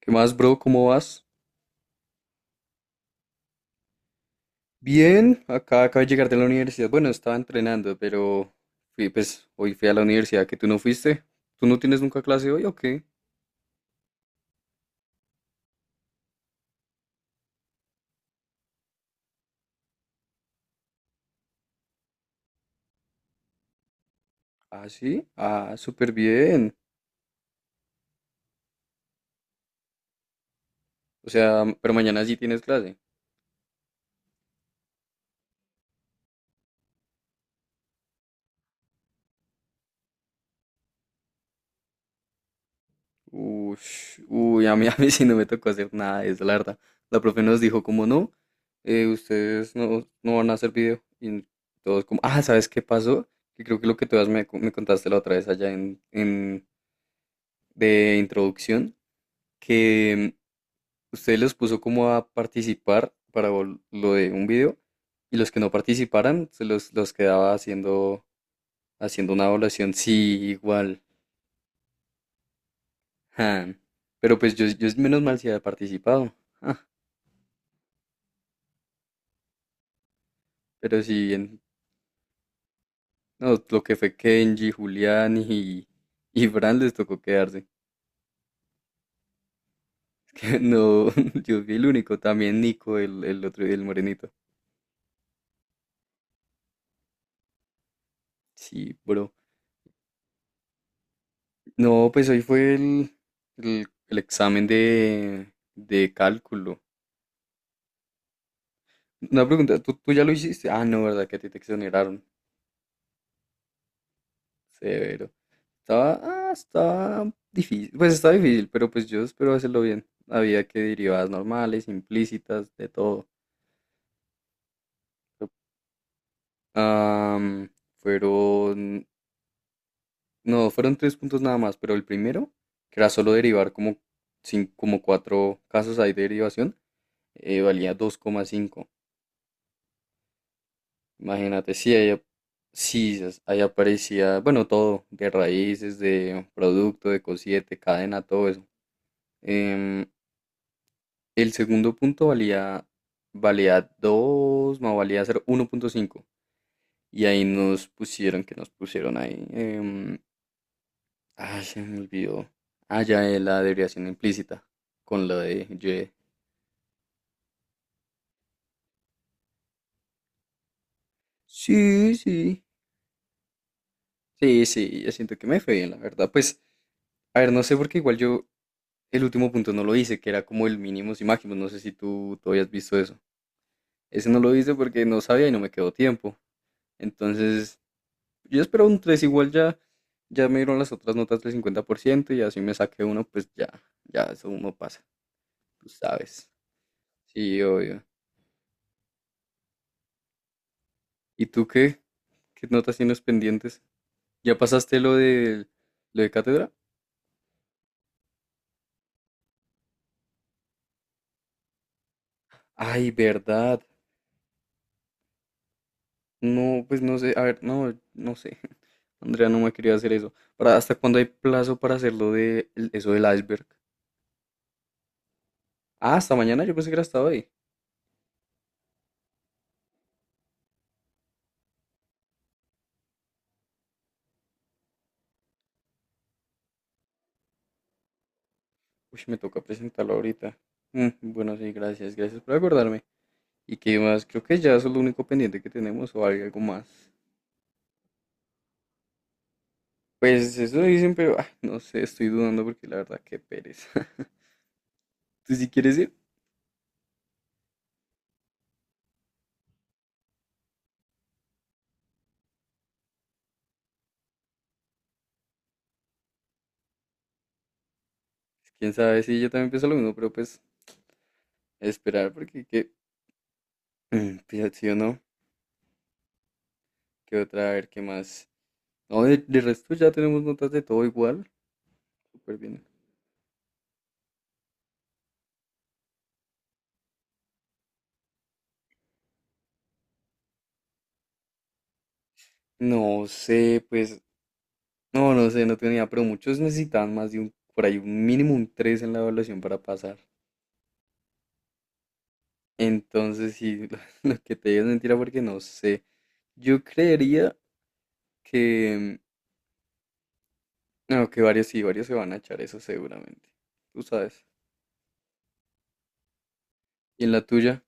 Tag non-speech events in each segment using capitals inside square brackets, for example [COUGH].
¿Qué más, bro? ¿Cómo vas? Bien, acá acabo de llegar de la universidad. Bueno, estaba entrenando, pero fui, pues hoy fui a la universidad que tú no fuiste. ¿Tú no tienes nunca clase hoy o qué? Ah, sí. Ah, súper bien. O sea, pero mañana sí tienes clase. A mí, [LAUGHS] a mí sí no me tocó hacer nada de eso, la verdad. La profe nos dijo, como no, ustedes no van a hacer video. Y todos como, ah, ¿sabes qué pasó? Que creo que lo que me contaste la otra vez allá de introducción que usted los puso como a participar para lo de un video y los que no participaran los quedaba haciendo, haciendo una evaluación. Sí, igual. Ja. Pero pues yo menos mal si había participado. Ja. Pero si bien, no, lo que fue Kenji, Julián y Fran les tocó quedarse. [LAUGHS] No, yo fui el único, también Nico, el otro, el morenito. Sí, bro. No, pues hoy fue el examen de cálculo. Una pregunta, ¿ tú ya lo hiciste? Ah, no, ¿verdad? Que a ti te exoneraron. Severo. Estaba, estaba difícil. Pues estaba difícil, pero pues yo espero hacerlo bien. Había que derivadas normales, implícitas, de todo. Am, fueron, no, fueron tres puntos nada más, pero el primero, que era solo derivar como, como cuatro casos ahí de derivación, valía 2,5. Imagínate, sí, sí, ahí aparecía, bueno, todo, de raíces, de producto, de cosiete, cadena, todo eso. Em, el segundo punto valía dos, más valía ser cinco. Y ahí nos pusieron, que nos pusieron ahí, ay, se me olvidó. Ah, ya, la derivación implícita, con lo de ye. Sí, sí. Sí, sí, yo siento que me fue bien, la verdad. Pues, a ver, no sé, porque igual yo, el último punto no lo hice, que era como el mínimos y máximos. No sé si tú habías visto eso. Ese no lo hice porque no sabía y no me quedó tiempo. Entonces, yo esperaba un 3 igual ya. Ya me dieron las otras notas del 50% y así me saqué uno, pues ya, ya eso uno pasa, tú sabes. Sí, obvio. ¿Y tú qué? ¿Qué notas tienes pendientes? ¿Ya pasaste lo lo de cátedra? Ay, verdad. No, pues no sé, a ver, no, no sé. [LAUGHS] Andrea no me quería hacer eso. ¿Para hasta cuándo hay plazo para hacerlo eso del iceberg? Ah, hasta mañana, yo pensé que era hasta hoy. Uy, me toca presentarlo ahorita. Mm, bueno, sí, gracias, gracias por acordarme. ¿Y qué más? Creo que ya eso es lo único pendiente que tenemos o hay algo más. Pues eso dicen, pero no sé, estoy dudando porque la verdad, qué pereza. [LAUGHS] ¿Tú si quieres ir? Quién sabe, sí, yo también pienso lo mismo, pero pues esperar porque qué. Mm, pues, sí o no, qué otra, a ver qué más. No, de resto ya tenemos notas de todo igual. Súper bien. No sé, pues, no, no sé, no tenía, pero muchos necesitaban más de un, por ahí un mínimo un 3 en la evaluación para pasar. Entonces, sí, [LAUGHS] lo que te digo es mentira porque no sé. Yo creería que, mm, no, que varios sí, varios se van a echar eso seguramente. Tú sabes. ¿Y en la tuya?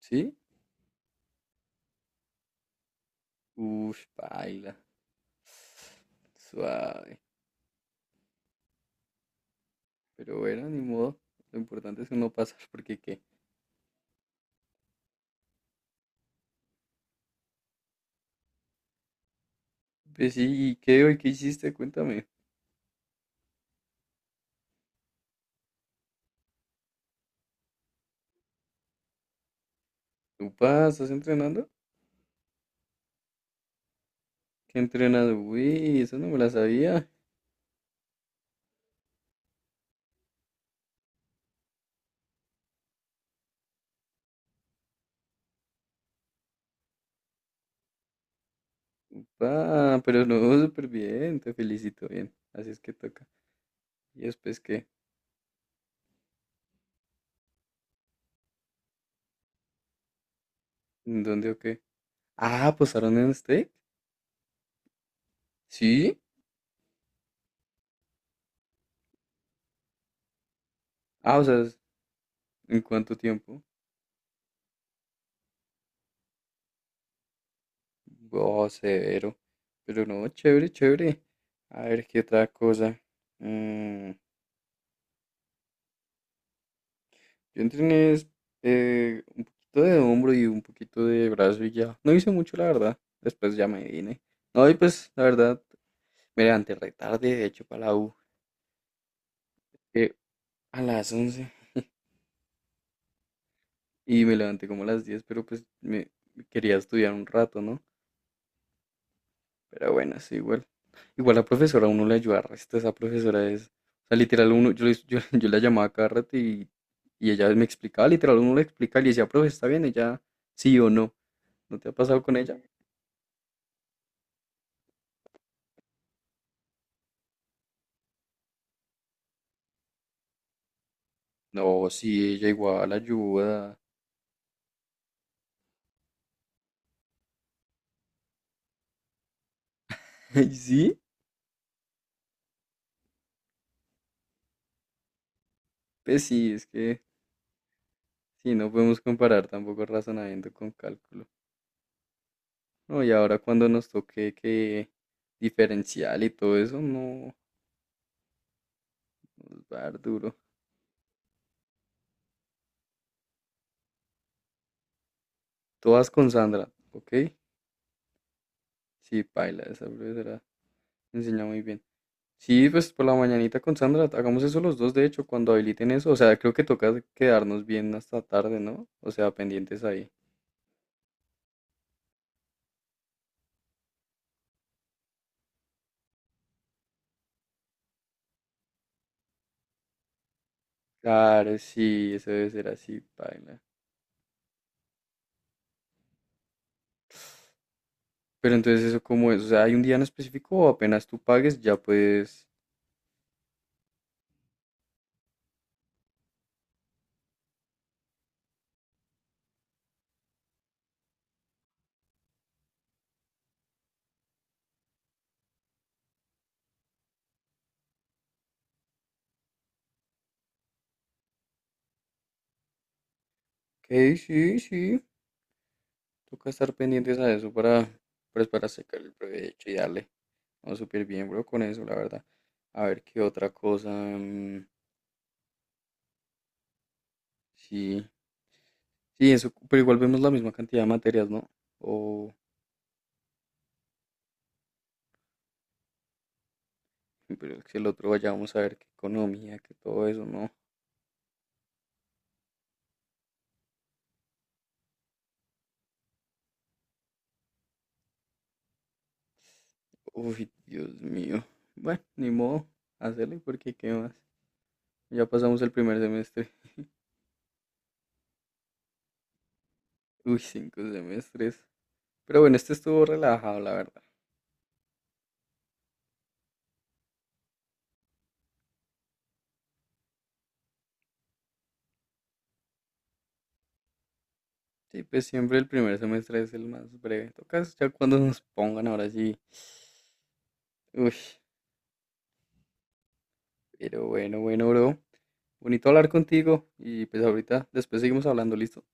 ¿Sí? Uf, baila. Suave. Pero bueno, ni modo. Lo importante es uno pasar porque qué. Pues sí, ¿y qué hoy qué hiciste? Cuéntame. Upa, ¿estás entrenando? ¿Qué entrenado? Uy, eso no me la sabía. Upa, pero no, súper bien, te felicito, bien. Así es que toca. ¿Y después qué? ¿En dónde o qué? Ah, ¿posaron en steak? ¿Sí? Ah, o sea, ¿en cuánto tiempo? Oh, severo. Pero no, chévere, chévere. A ver, ¿qué otra cosa? Mm, yo entrené es, un poquito de hombro y un poquito de brazo y ya. No hice mucho, la verdad. Después ya me vine. No, y pues, la verdad, me levanté re tarde, de hecho, para la U, eh, a las once. Y me levanté como a las diez, pero pues me quería estudiar un rato, ¿no? Pero bueno, sí, igual. Igual la profesora, a uno le ayuda resto. Esa profesora es, o sea, literal, yo, [LAUGHS] yo la llamaba cada rato y ella me explicaba, literal, uno le explicaba y le decía, profe, está bien, ella sí o no. ¿No te ha pasado con ella? No, sí, ella igual ayuda. [LAUGHS] ¿Y sí? Pues sí, es que sí, no podemos comparar tampoco razonamiento con cálculo. No, y ahora cuando nos toque que diferencial y todo eso, no, nos va a dar duro. Todas con Sandra, ¿ok? Sí, paila, esa profesora enseña muy bien. Sí, pues por la mañanita con Sandra, hagamos eso los dos, de hecho, cuando habiliten eso. O sea, creo que toca quedarnos bien hasta tarde, ¿no? O sea, pendientes ahí. Claro, sí, eso debe ser así, paila. Pero entonces eso cómo es, o sea, hay un día en específico o apenas tú pagues, ya puedes. Ok, sí, sí, toca estar pendientes a eso para, pues para sacar el provecho y darle. No, súper bien, bro, con eso, la verdad. A ver qué otra cosa. Mm, sí, sí, eso, pero igual vemos la misma cantidad de materias, ¿no? O, pero es que el otro vaya, vamos a ver qué economía, que todo eso, ¿no? Uy, Dios mío. Bueno, ni modo, hacerle porque qué más. Ya pasamos el primer semestre. Uy, cinco semestres. Pero bueno, este estuvo relajado, la verdad. Sí, pues siempre el primer semestre es el más breve. Tocas ya cuando nos pongan ahora sí. Uy, pero bueno, bueno, bro. Bonito hablar contigo y pues ahorita después seguimos hablando, ¿listo?